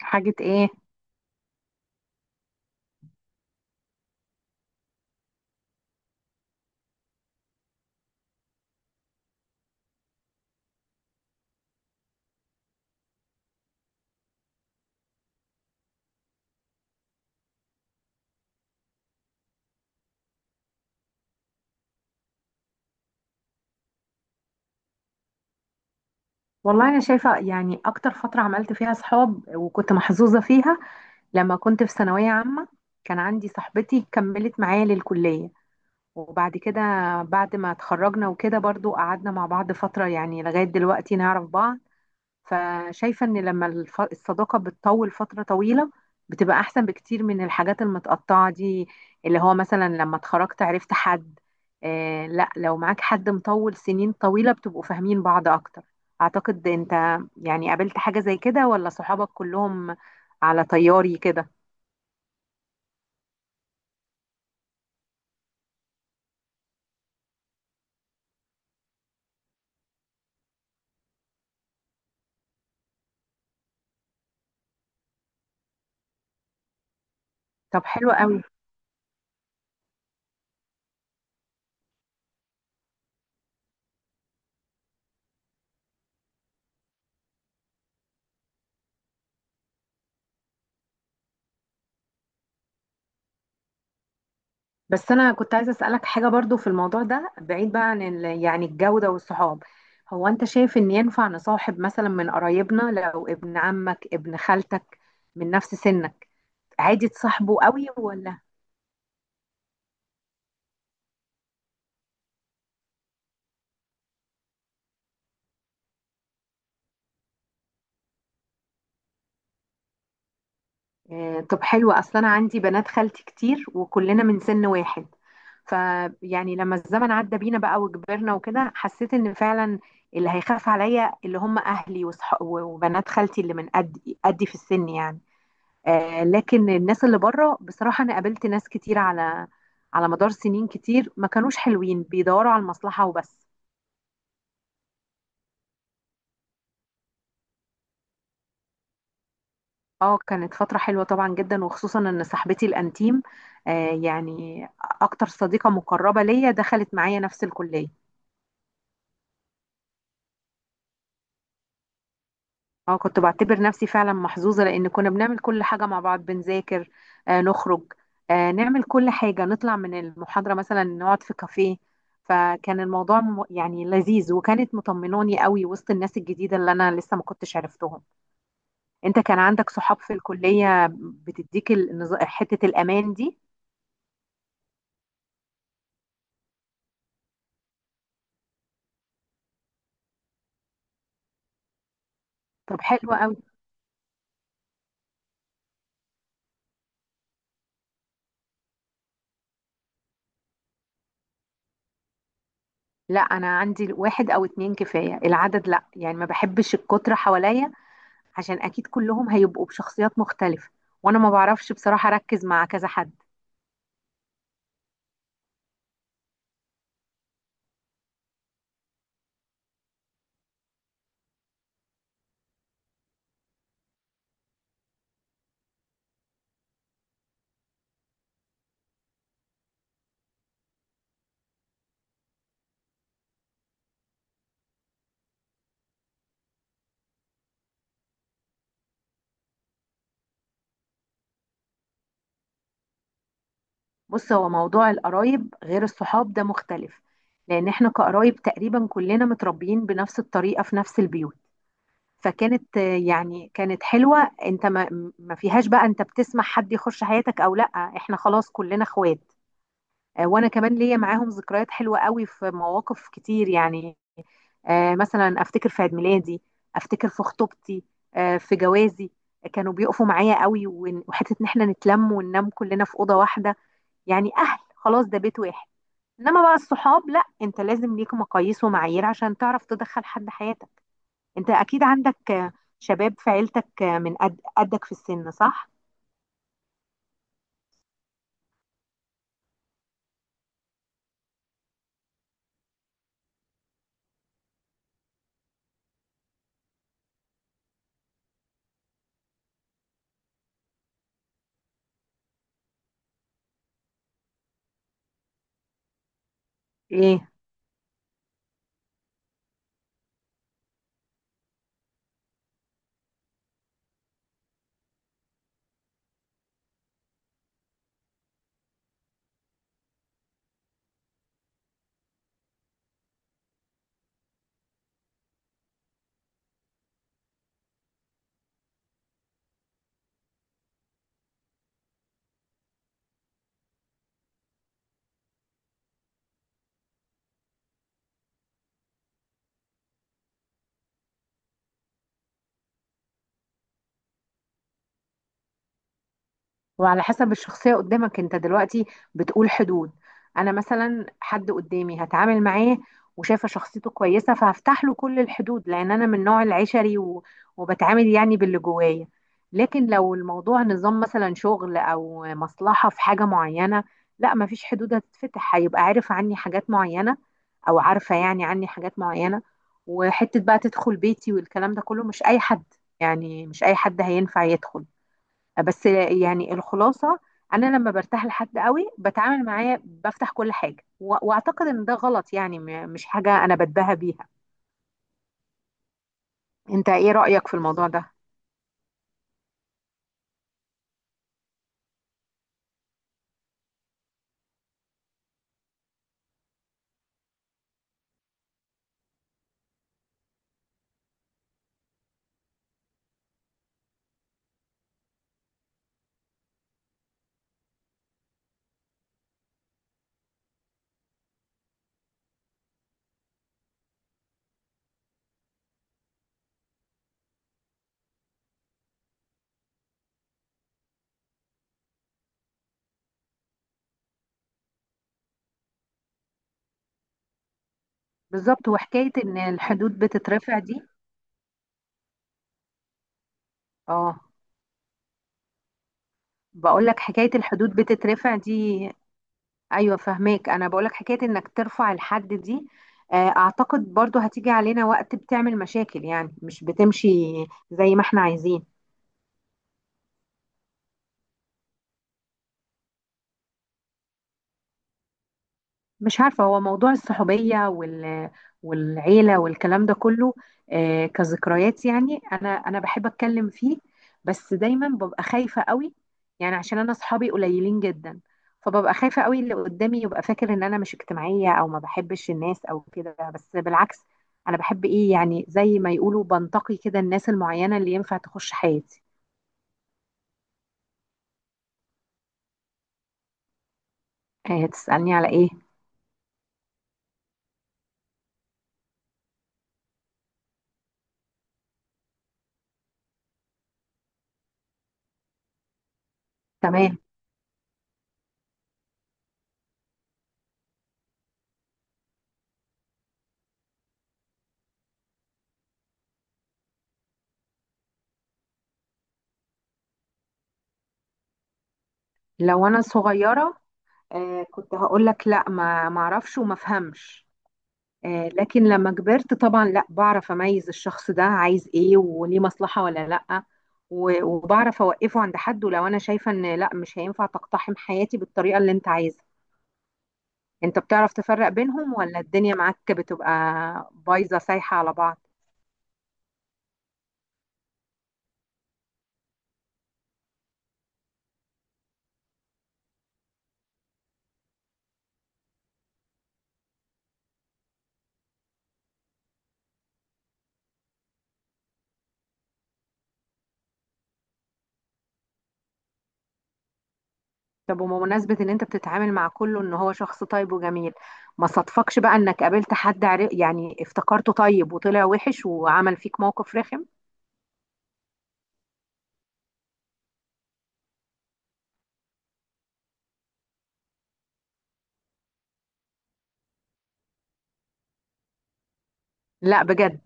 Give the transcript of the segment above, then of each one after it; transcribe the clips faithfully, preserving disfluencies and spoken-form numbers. حاجة ايه؟ والله انا شايفة يعني اكتر فترة عملت فيها صحاب وكنت محظوظة فيها لما كنت في ثانوية عامة. كان عندي صاحبتي كملت معايا للكلية، وبعد كده بعد ما اتخرجنا وكده برضو قعدنا مع بعض فترة يعني لغاية دلوقتي نعرف بعض. فشايفة ان لما الف- الصداقة بتطول فترة طويلة بتبقى احسن بكتير من الحاجات المتقطعة دي، اللي هو مثلا لما اتخرجت عرفت حد. آه لا، لو معاك حد مطول سنين طويلة بتبقوا فاهمين بعض اكتر. اعتقد انت يعني قابلت حاجة زي كده ولا صحابك كلهم على طياري كده؟ طب حلو قوي. بس انا كنت عايزه اسالك حاجه برضو في الموضوع ده، بعيد بقى عن ال- يعني الجوده والصحاب، هو انت شايف ان ينفع نصاحب مثلا من قرايبنا؟ لو ابن عمك ابن خالتك من نفس سنك، عادي تصاحبه قوي ولا؟ آه طب حلو، اصلا انا عندي بنات خالتي كتير وكلنا من سن واحد. فيعني لما الزمن عدى بينا بقى وكبرنا وكده، حسيت ان فعلا اللي هيخاف عليا اللي هم اهلي وصح وبنات خالتي اللي من قد قدي في السن يعني. آه، لكن الناس اللي بره بصراحة أنا قابلت ناس كتير على على مدار سنين كتير ما كانوش حلوين، بيدوروا على المصلحة وبس. اه كانت فترة حلوة طبعا جدا، وخصوصا ان صاحبتي الانتيم، آه يعني اكتر صديقة مقربة ليا، دخلت معايا نفس الكلية. اه كنت بعتبر نفسي فعلا محظوظة، لأن كنا بنعمل كل حاجة مع بعض، بنذاكر، آه نخرج، آه نعمل كل حاجة، نطلع من المحاضرة مثلا نقعد في كافيه. فكان الموضوع م- يعني لذيذ، وكانت مطمناني قوي وسط الناس الجديدة اللي أنا لسه ما كنتش عرفتهم. أنت كان عندك صحاب في الكلية بتديك النز- حتة الأمان دي؟ طب حلو قوي. لا أنا عندي واحد أو اتنين كفاية، العدد لا يعني ما بحبش الكترة حواليا، عشان اكيد كلهم هيبقوا بشخصيات مختلفة، وانا ما بعرفش بصراحة اركز مع كذا حد. بص هو موضوع القرايب غير الصحاب ده، مختلف، لان احنا كقرايب تقريبا كلنا متربيين بنفس الطريقة في نفس البيوت. فكانت آه، يعني كانت حلوة، انت ما, ما فيهاش بقى انت بتسمح حد يخش حياتك او لا. احنا خلاص كلنا اخوات. آه، وانا كمان ليا معاهم ذكريات حلوة قوي في مواقف كتير يعني. آه، مثلا افتكر في عيد ميلادي، افتكر في خطوبتي، آه، في جوازي. آه، كانوا بيقفوا معايا قوي، ون- وحته ان احنا نتلم وننام كلنا في اوضه واحده، يعني اهل خلاص ده بيت واحد. انما بقى الصحاب لا، انت لازم ليك مقاييس ومعايير عشان تعرف تدخل حد حياتك. انت اكيد عندك آه، شباب في عيلتك آه، من قد قدك في السن صح؟ ايه، وعلى حسب الشخصية قدامك. انت دلوقتي بتقول حدود. انا مثلا حد قدامي هتعامل معاه وشايفة شخصيته كويسة، فهفتح له كل الحدود، لان انا من نوع العشري و وبتعامل يعني باللي جوايا. لكن لو الموضوع نظام مثلا شغل او مصلحة في حاجة معينة، لا مفيش حدود هتتفتح، هيبقى عارف عني حاجات معينة او عارفة يعني عني حاجات معينة. وحتة بقى تدخل بيتي والكلام ده كله مش اي حد، يعني مش اي حد هينفع يدخل. بس يعني الخلاصة، أنا لما برتاح لحد قوي بتعامل معاه بفتح كل حاجة، و- وأعتقد إن ده غلط، يعني م- مش حاجة أنا بتباهى بيها. أنت إيه رأيك في الموضوع ده؟ بالظبط. وحكاية إن الحدود بتترفع دي، آه. بقول لك حكاية الحدود بتترفع دي، أيوة فهماك. أنا بقول لك حكاية إنك ترفع الحد دي، آه، أعتقد برضو هتيجي علينا وقت بتعمل مشاكل، يعني مش بتمشي زي ما إحنا عايزين. مش عارفة، هو موضوع الصحوبية وال والعيلة والكلام ده كله، آه، كذكريات يعني أنا أنا بحب أتكلم فيه. بس دايما ببقى خايفة قوي، يعني عشان أنا أصحابي قليلين جدا، فببقى خايفة قوي اللي قدامي يبقى فاكر إن أنا مش اجتماعية أو ما بحبش الناس أو كده، بس بالعكس أنا بحب إيه يعني زي ما يقولوا بنتقي كده الناس المعينة اللي ينفع تخش حياتي. آه، تسألني على إيه؟ تمام. لو أنا صغيرة آه، كنت هقول لك لا ما ما اعرفش وما افهمش. آه، لكن لما كبرت طبعا لا، بعرف اميز الشخص ده عايز ايه وليه مصلحة ولا لا، و- وبعرف اوقفه عند حد ولو انا شايفة ان لا مش هينفع تقتحم حياتي بالطريقة اللي انت عايزها. انت بتعرف تفرق بينهم ولا الدنيا معاك بتبقى بايظة سايحة على بعض؟ طب وبمناسبة ان انت بتتعامل مع كله ان هو شخص طيب وجميل، ما صدفكش بقى انك قابلت حد عر- يعني افتكرته طيب وطلع وحش وعمل فيك موقف رخم؟ لا بجد.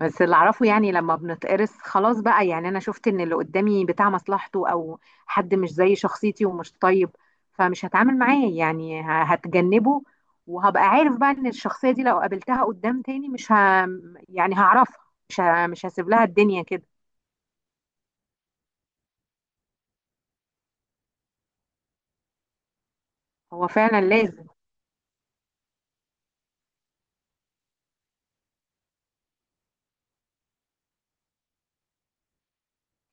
بس اللي اعرفه يعني لما بنتقرص خلاص بقى، يعني انا شفت ان اللي قدامي بتاع مصلحته او حد مش زي شخصيتي ومش طيب، فمش هتعامل معاه، يعني ه- هتجنبه، وهبقى عارف بقى ان الشخصية دي لو قابلتها قدام تاني مش ه... يعني هعرفها، مش ه... مش هسيب لها الدنيا كده. هو فعلا لازم.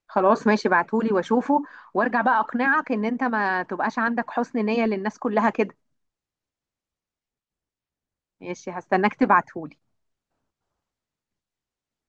خلاص ماشي، ابعتهولي واشوفه، وارجع بقى اقنعك ان انت ما تبقاش عندك حسن نية للناس كلها كده. ماشي هستناك تبعتهولي.